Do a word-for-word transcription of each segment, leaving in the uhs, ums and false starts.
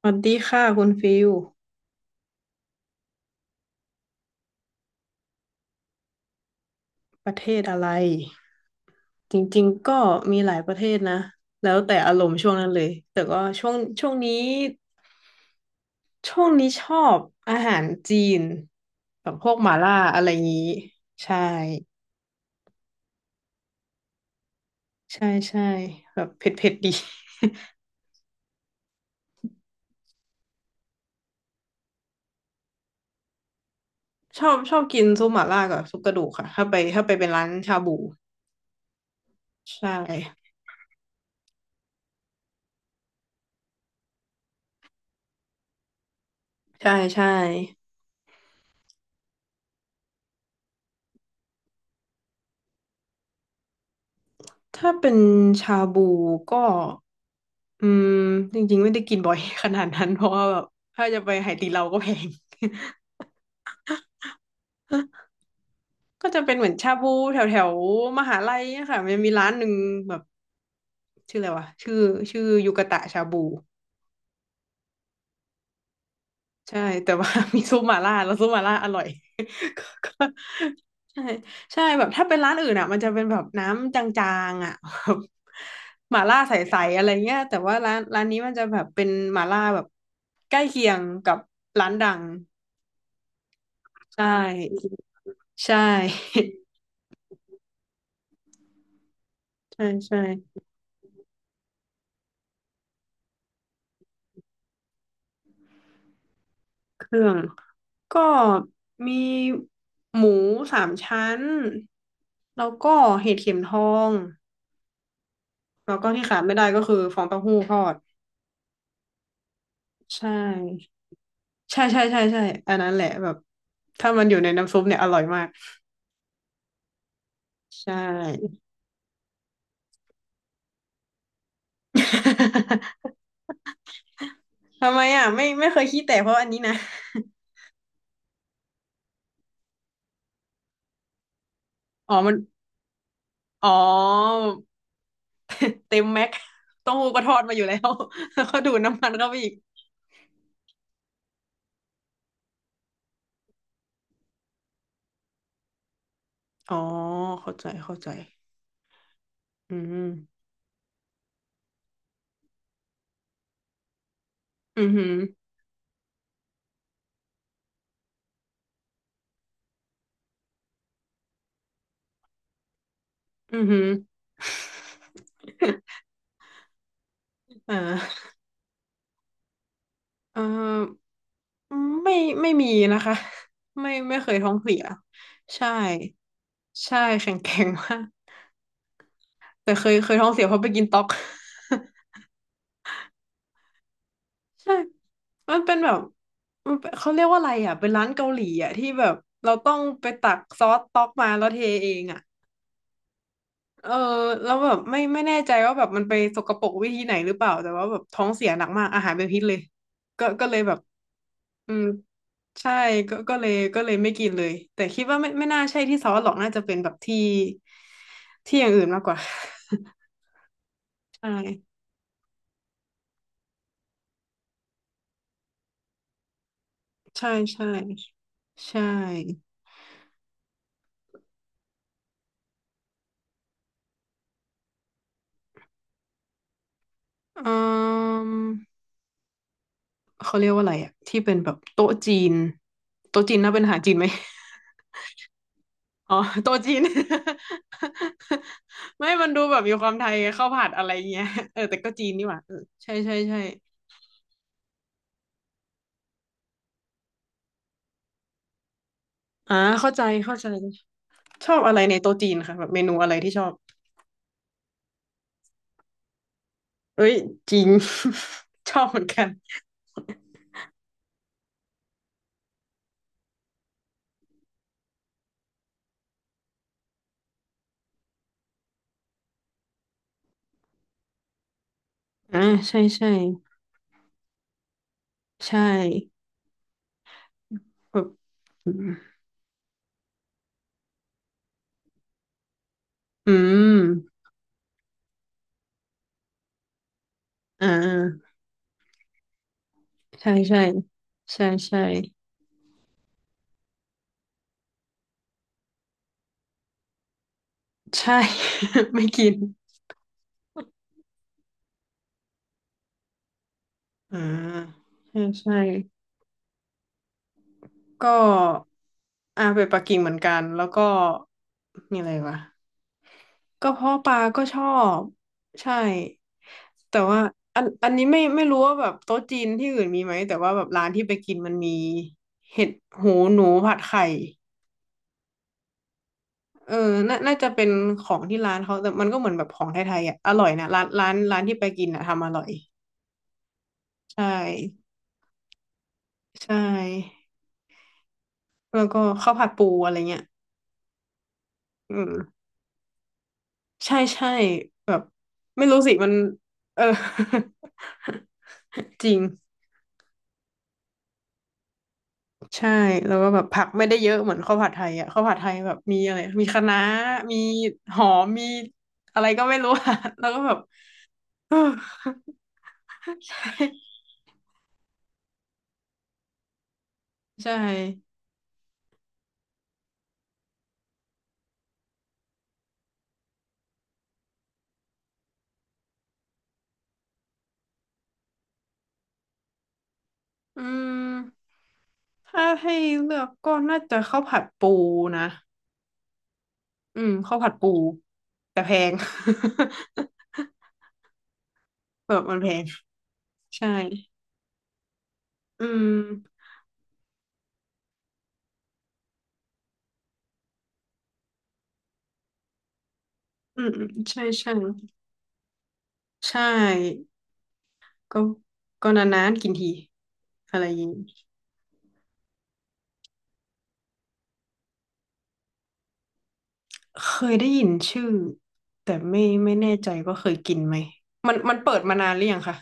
สวัสดีค่ะคุณฟิลประเทศอะไรจริงๆก็มีหลายประเทศนะแล้วแต่อารมณ์ช่วงนั้นเลยแต่ก็ช่วงช่วงนี้ช่วงนี้ชอบอาหารจีนแบบพวกหม่าล่าอะไรงี้ใช่ใช่ใช่แบบเผ็ดๆดีชอบชอบกินซุปหม่าล่ากับซุปกระดูกค่ะถ้าไปถ้าไปเป็นร้านชาบูใช่ใช่ใช่ ถ้าเป็นชาบูก็อืมจริงๆไม่ได้กินบ่อย ขนาดนั้นเพราะว่าแบบถ้าจะไปไหตีเราก็แพง ก็จะเป็นเหมือนชาบูแถวแถวมหาลัยอะค่ะมันมีร้านหนึ่งแบบชื่ออะไรวะชื่อชื่อยูกะตะชาบู ใช่แต่ว่า มีซุปหม่าล่าแล้วซุปหม่าล่าอร่อย ก็ก็ใช่ใช่แบบถ้าเป็นร้านอื่นอ่ะมันจะเป็นแบบน้ำจางๆอ่ะแบบหม่าล่าใสๆอะไรเงี้ยแต่ว่าร้านร้านนี้มันจะแบบเป็นหม่าล่าแบบใกล้เคียงกับร้านดังใช่ใช่ ใช่ใช่เครื่องก็มีหมูสามชั้นแล้วก็เห็ดเข็มทองแล้วก็ที่ขาดไม่ได้ก็คือฟองเต้าหู้ทอด ใช่ใช่ใช่ใช่ใช่อันนั้นแหละแบบถ้ามันอยู่ในน้ำซุปเนี่ยอร่อยมากใช่ ทำไมอ่ะไม่ไม่เคยขี้แตกเพราะอันนี้นะอ๋อมันอ๋อ เต็มแม็กเต้าหู้ก็ทอดมาอยู่แล้วแล้วก็ดูดน้ำมันเข้าไปอีกอ๋อเข้าใจเข้าใจอืมอืมอหืมออือหืออ่าเออไม่ไม่มีนะคะไม่ไม่เคยท้องเสียใช่ใช่แข็งแข็งมาก แต่เคยเคยท้องเสียเพราะไปกินต๊อก ใช่มันเป็นแบบมันเป็นเขาเรียกว่าอะไรอ่ะเป็นร้านเกาหลีอ่ะที่แบบเราต้องไปตักซอสต๊อกมาแล้วเทเองอ่ะเออแล้วแบบไม่ไม่แน่ใจว่าแบบมันไปสกปรกวิธีไหนหรือเปล่าแต่ว่าแบบท้องเสียหนักมากอาหารเป็นพิษเลยก็ก็เลยแบบอืมใช่ก็ก็เลยก็เลยไม่กินเลยแต่คิดว่าไม่ไม่น่าใช่ที่ซอสหรอกน่าจะเป็นแบบที่ที่อย่างอื่นมากกว่า ใช่ใช่ใช่ใช่ อืมเขาเรียกว่าอะไรอะที่เป็นแบบโต๊ะจีนโต๊ะจีนน่าเป็นอาหารจีนไหมอ๋อโต๊ะจีน ไม่มันดูแบบมีความไทยไงข้าวผัดอะไรเงี้ยเออแต่ก็จีนนี่หว่าเออใช่ใช่ใช่อ่าเข้าใจเข้าใจชอบอะไรในโต๊ะจีนคะแบบเมนูอะไรที่ชอบเอ้ยจริง ชอบเหมือนกันอ่าใช่ใช่ใช่แบบอืมอืมอ่าใช่ใช่ใช่ใช่ใช่ ไม่กิน อ่าใช่ใช่ก็อ่าไปปักกิ่งเหมือนกันแล้วก็มีอะไรวะก็เพาะปลาก็ชอบใช่แต่ว่าอันอันนี้ไม่ไม่รู้ว่าแบบโต๊ะจีนที่อื่นมีไหมแต่ว่าแบบร้านที่ไปกินมันมีเห็ดหูหนูผัดไข่เออน่าน่าจะเป็นของที่ร้านเขาแต่มันก็เหมือนแบบของไทยๆอ่ะอร่อยนะร้านร้านร้านที่ไปกินอ่ะทำอร่อยใช่ใช่แล้วก็ข้าวผัดปูอะไรเงี้ยอืม ใช่ใช่แบบไม่รู้สิมันเออ จริงใช่แล้วก็แบบผักไม่ได้เยอะเหมือนข้าวผัดไทยอ่ะข้าวผัดไทยแบบมีอะไรมีคะน้ามีหอมมีอะไรก็ไม่รู้ อ่ะแล้วก็แบบ เออใช่อืมถ้าให้เลือกก็น่าจะข้าวผัดปูนะอืมข้าวผัดปูแต่แพง แบบมันแพงใช่อืมอืมอืมใช่ใช่ใช่ ก็ก็นานๆกินทีอะไรอย่างงี้เคยได้ยินชื่อแต่ไม่ไม่แน่ใจว่าเคยกินไหมมันมันเปิดมานานหรือยังคะ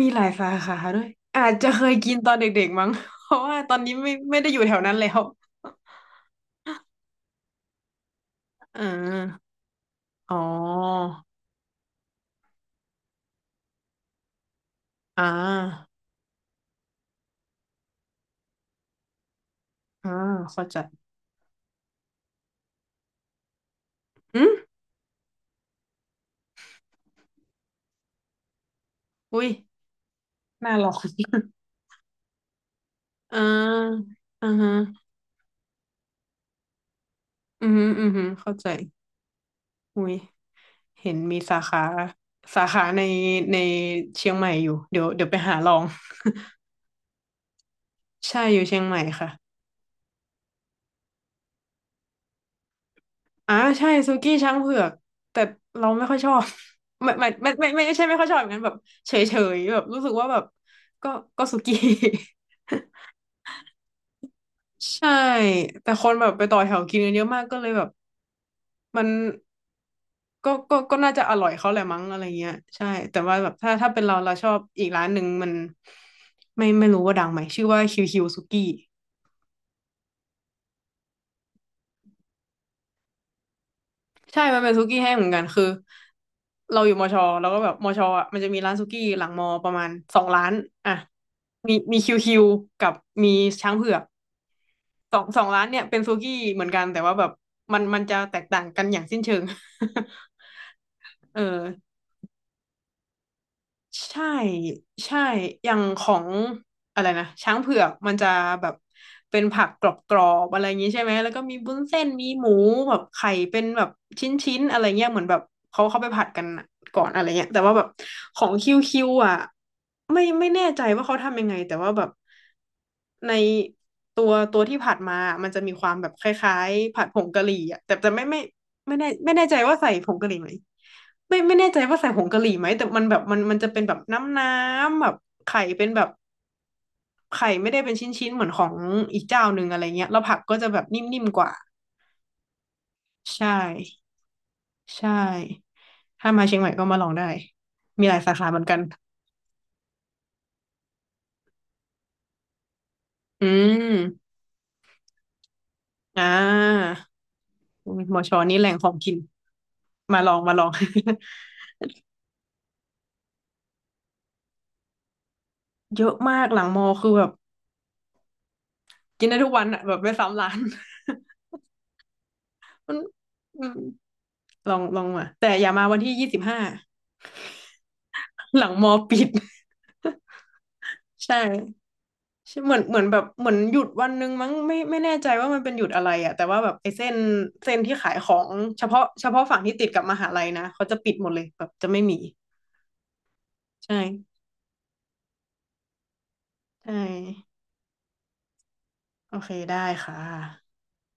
มีหลายสาขาด้วยอาจจะเคยกินตอนเด็กๆมั้ง เพราะว่าตอนนี้ไม่ไม่ได้อยู่แถวนั้นแล้วอ่าอ๋ออ่าอ่าเข้าใจอืมอุ้ยน่าลอง อ่าอ่าฮะอืมอหืมออือหือเข้าใจอุ้ย เห็นมีสาขาสาขาในในเชียงใหม่อยู่เดี๋ยวเดี๋ยวไปหาลองใช่อยู่เชียงใหม่ค่ะอ่าใช่ซูกี้ช้างเผือกแต่เราไม่ค่อยชอบ ไม่ไม่ไม่ไม่ไม่ไม่ใช่ไม่ค่อยชอบอย่างนั้นแบบเฉยเฉยแบบรู้สึกว่าแบบก็ก็ซูกี้ ใช่แต่คนแบบไปต่อแถวกินกันเยอะมากก็เลยแบบมันก็ก็ก็น่าจะอร่อยเขาแหละมั้งอะไรเงี้ยใช่แต่ว่าแบบถ้าถ้าเป็นเราเราชอบอีกร้านหนึ่งมันไม่ไม่รู้ว่าดังไหมชื่อว่าคิวคิวซูกี้ ใช่ มันเป็นสุกี้แห้งเหมือนกัน คือเราอยู่มอชอแล้วก็แบบมอชออ่ะมันจะมีร้านสุกี้หลังมอประมาณสองร้านอ่ะมีมีคิวคิวกับมีช้างเผือกสองสองร้านเนี่ยเป็นสุกี้เหมือนกันแต่ว่าแบบมันมันจะแตกต่างกันอย่างสิ้นเชิง เออ ใช่ใช่อย่างของอะไรนะช้างเผือกมันจะแบบเป็นผักกรอบๆอะไรอย่างนี้ใช่ไหมแล้วก็มีบุ้นเส้นมีหมูแบบไข่เป็นแบบชิ้นๆอะไรเงี้ยเหมือนแบบเขาเขาไปผัดกันก่อนอะไรเงี้ยแต่ว่าแบบของคิวคิวอ่ะไม่ไม่แน่ใจว่าเขาทำยังไงแต่ว่าแบบในตัวตัวที่ผัดมามันจะมีความแบบคล้ายๆผัดผงกะหรี่อ่ะแต่แต่ไม่ไม่ไม่แน่ไม่แน่ใจว่าใส่ผงกะหรี่ไหม ไม่ไม่แน่ใจว่าใส่ผงกะหรี่ไหมแต่มันแบบมันมันจะเป็นแบบน้ำน้ำแบบไข่เป็นแบบไข่ไม่ได้เป็นชิ้นๆเหมือนของอีกเจ้าหนึ่งอะไรเงี้ยแล้วผักก็จะแบบนิ่มๆกว่าใช่ใช่ถ้ามาเชียงใหม่ก็มาลองได้มีหลายสาขาเหมือนกันอืมอ่าหมอชอนี่แหล่งของกินมาลองมาลอง เยอะมากหลังมอคือแบบกินได้ทุกวันอ่ะแบบไม่ซ้ำร้าน มันอืมลองลองมาแต่อย่ามาวันที่ยี่สิบห้า หลังมอปิด ใช่ใช่เหมือนเหมือนแบบเหมือนหยุดวันหนึงมั้งไม่ไม่แน่ใจว่ามันเป็นหยุดอะไรอะแต่ว่าแบบไอ้เส้นเส้นที่ขายของเฉพาะเฉพาะฝั่งที่ติดกับมหาลัยนะเขาจะปิดหมดเลยแบบจะไม่มีใช่ใช่โอเคได้ค่ะ